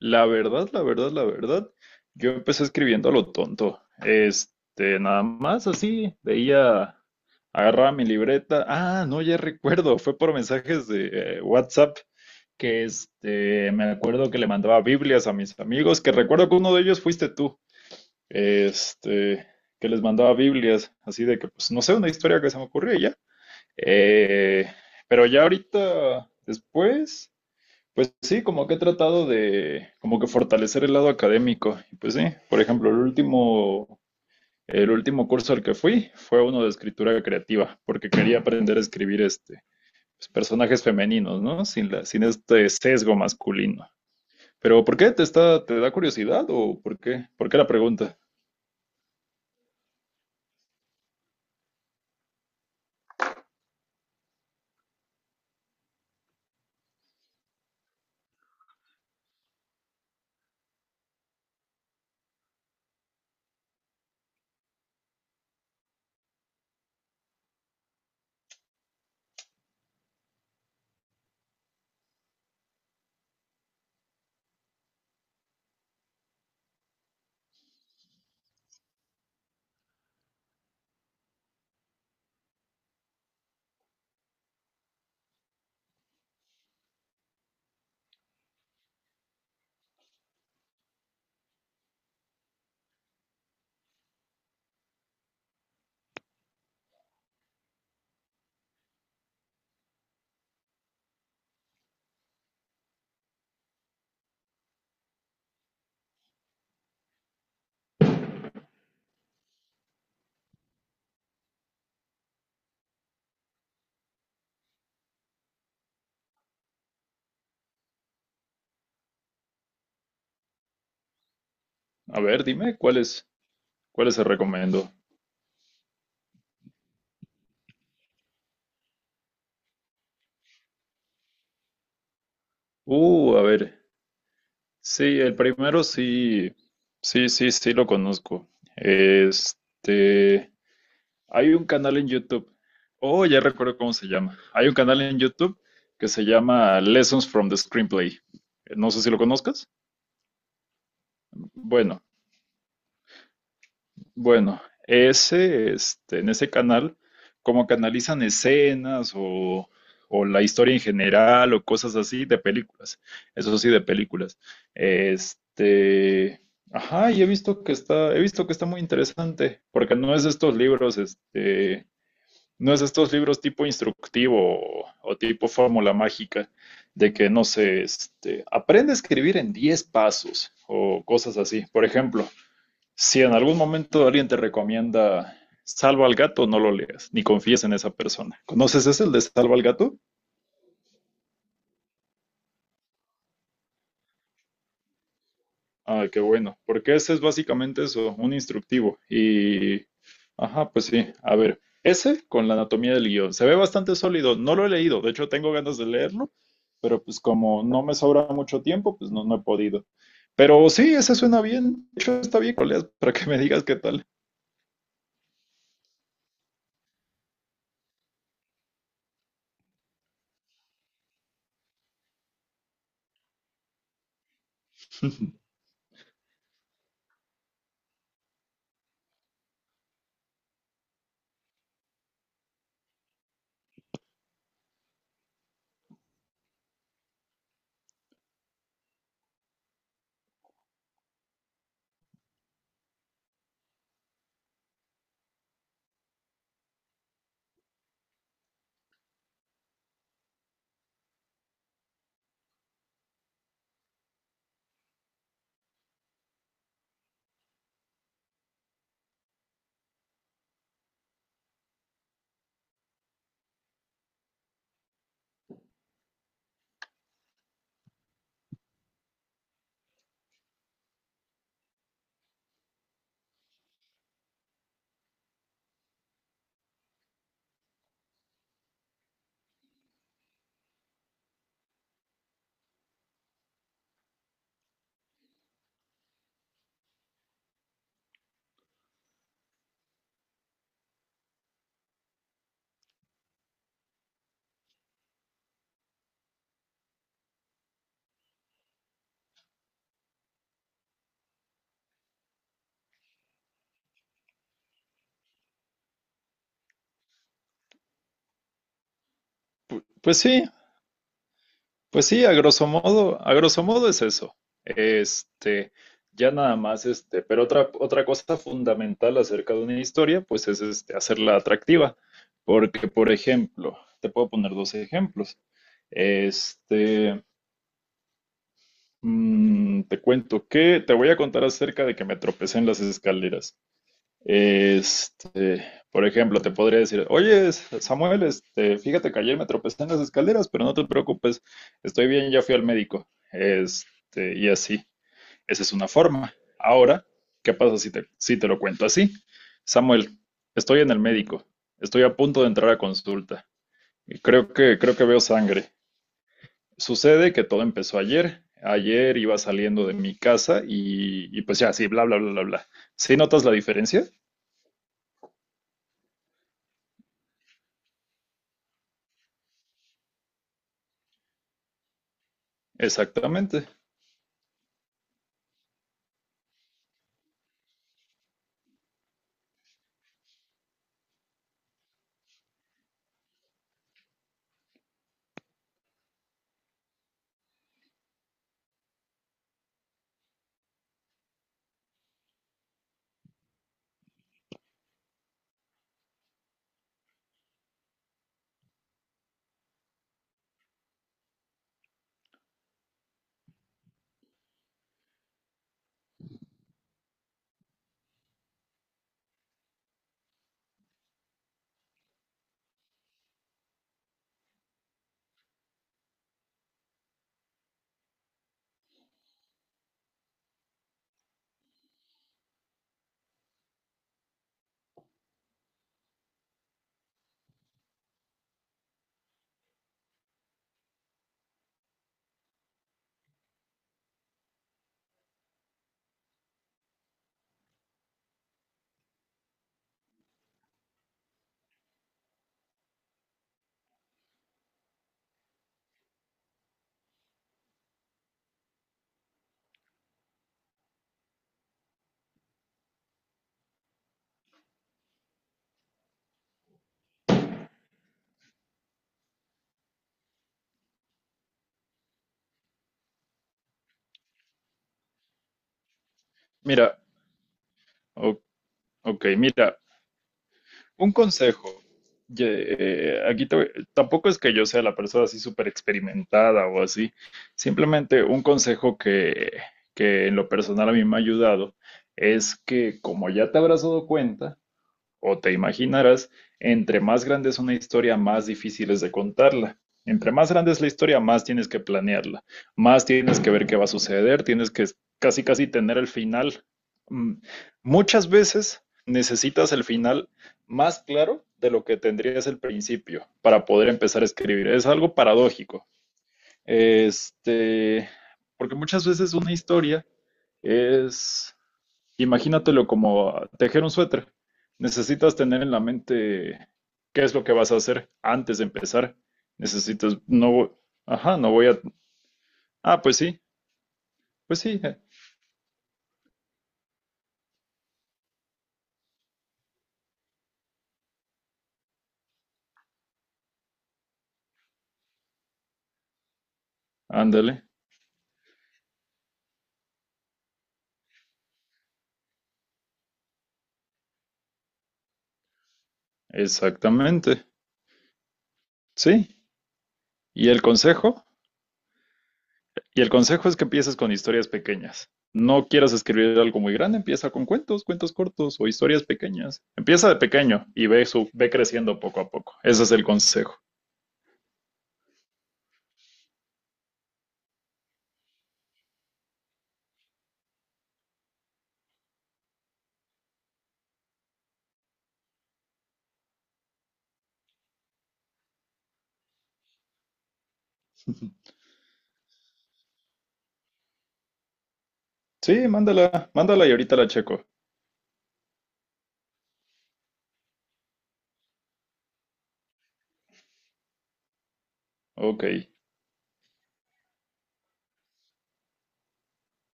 La verdad, la verdad, la verdad, yo empecé escribiendo a lo tonto. Nada más así, veía, agarraba mi libreta. Ah, no, ya recuerdo, fue por mensajes de WhatsApp que me acuerdo que le mandaba Biblias a mis amigos, que recuerdo que uno de ellos fuiste tú. Este, que les mandaba Biblias, así de que, pues, no sé, una historia que se me ocurrió y ya. Eh, pero ya ahorita, después. Pues sí, como que he tratado de como que fortalecer el lado académico. Y pues sí, por ejemplo, el último curso al que fui fue uno de escritura creativa, porque quería aprender a escribir pues, personajes femeninos, ¿no? Sin sesgo masculino. Pero ¿por qué te da curiosidad o por qué? ¿Por qué la pregunta? A ver, dime, ¿cuáles se recomiendo? A ver. Sí, el primero sí, sí lo conozco. Este. Hay un canal en YouTube. Oh, ya recuerdo cómo se llama. Hay un canal en YouTube que se llama Lessons from the Screenplay. No sé si lo conozcas. Bueno, bueno, en ese canal, como canalizan escenas o la historia en general o cosas así de películas. Eso sí, de películas. Este, ajá, y he visto que está muy interesante, porque no es de estos libros, no es estos libros tipo instructivo tipo fórmula mágica de que, no sé, aprende a escribir en 10 pasos o cosas así. Por ejemplo, si en algún momento alguien te recomienda Salva al gato, no lo leas, ni confíes en esa persona. ¿Conoces ese, el de Salva al gato? Ah, qué bueno, porque ese es básicamente eso, un instructivo. Y, ajá, pues sí, a ver, ese con la anatomía del guión, se ve bastante sólido, no lo he leído, de hecho tengo ganas de leerlo, pero pues como no me sobra mucho tiempo, pues no, no he podido. Pero sí, ese suena bien, de hecho está bien, colegas, para que me digas qué tal. Pues sí, pues sí, a grosso modo es eso. Este, ya nada más, pero otra cosa fundamental acerca de una historia, pues es hacerla atractiva. Porque, por ejemplo, te puedo poner dos ejemplos. Este, te cuento que te voy a contar acerca de que me tropecé en las escaleras. Este, por ejemplo, te podría decir, oye, Samuel, fíjate que ayer me tropecé en las escaleras, pero no te preocupes, estoy bien, ya fui al médico. Y así. Esa es una forma. Ahora, ¿qué pasa si te, ¿si te lo cuento así? Samuel, estoy en el médico, estoy a punto de entrar a consulta. Y creo que veo sangre. Sucede que todo empezó ayer. Ayer iba saliendo de mi casa y pues ya, sí, bla, bla, bla, bla, bla. ¿Sí notas la diferencia? Exactamente. Mira, ok, ok, mira, un consejo. Aquí tampoco es que yo sea la persona así súper experimentada o así. Simplemente un consejo que en lo personal a mí me ha ayudado es que, como ya te habrás dado cuenta, o te imaginarás, entre más grande es una historia, más difícil es de contarla. Entre más grande es la historia, más tienes que planearla, más tienes que ver qué va a suceder, tienes que casi casi tener el final. Mm, Muchas veces necesitas el final más claro de lo que tendrías el principio para poder empezar a escribir. Es algo paradójico. Este, porque muchas veces una historia es... Imagínatelo como tejer un suéter. Necesitas tener en la mente qué es lo que vas a hacer antes de empezar. Necesitas, no, vo- ajá, no voy a, ah, pues sí, ándale, exactamente, sí. ¿Y el consejo? Y el consejo es que empieces con historias pequeñas. No quieras escribir algo muy grande, empieza con cuentos, cuentos cortos o historias pequeñas. Empieza de pequeño y ve creciendo poco a poco. Ese es el consejo. Sí, mándala, mándala y ahorita la checo. Ok.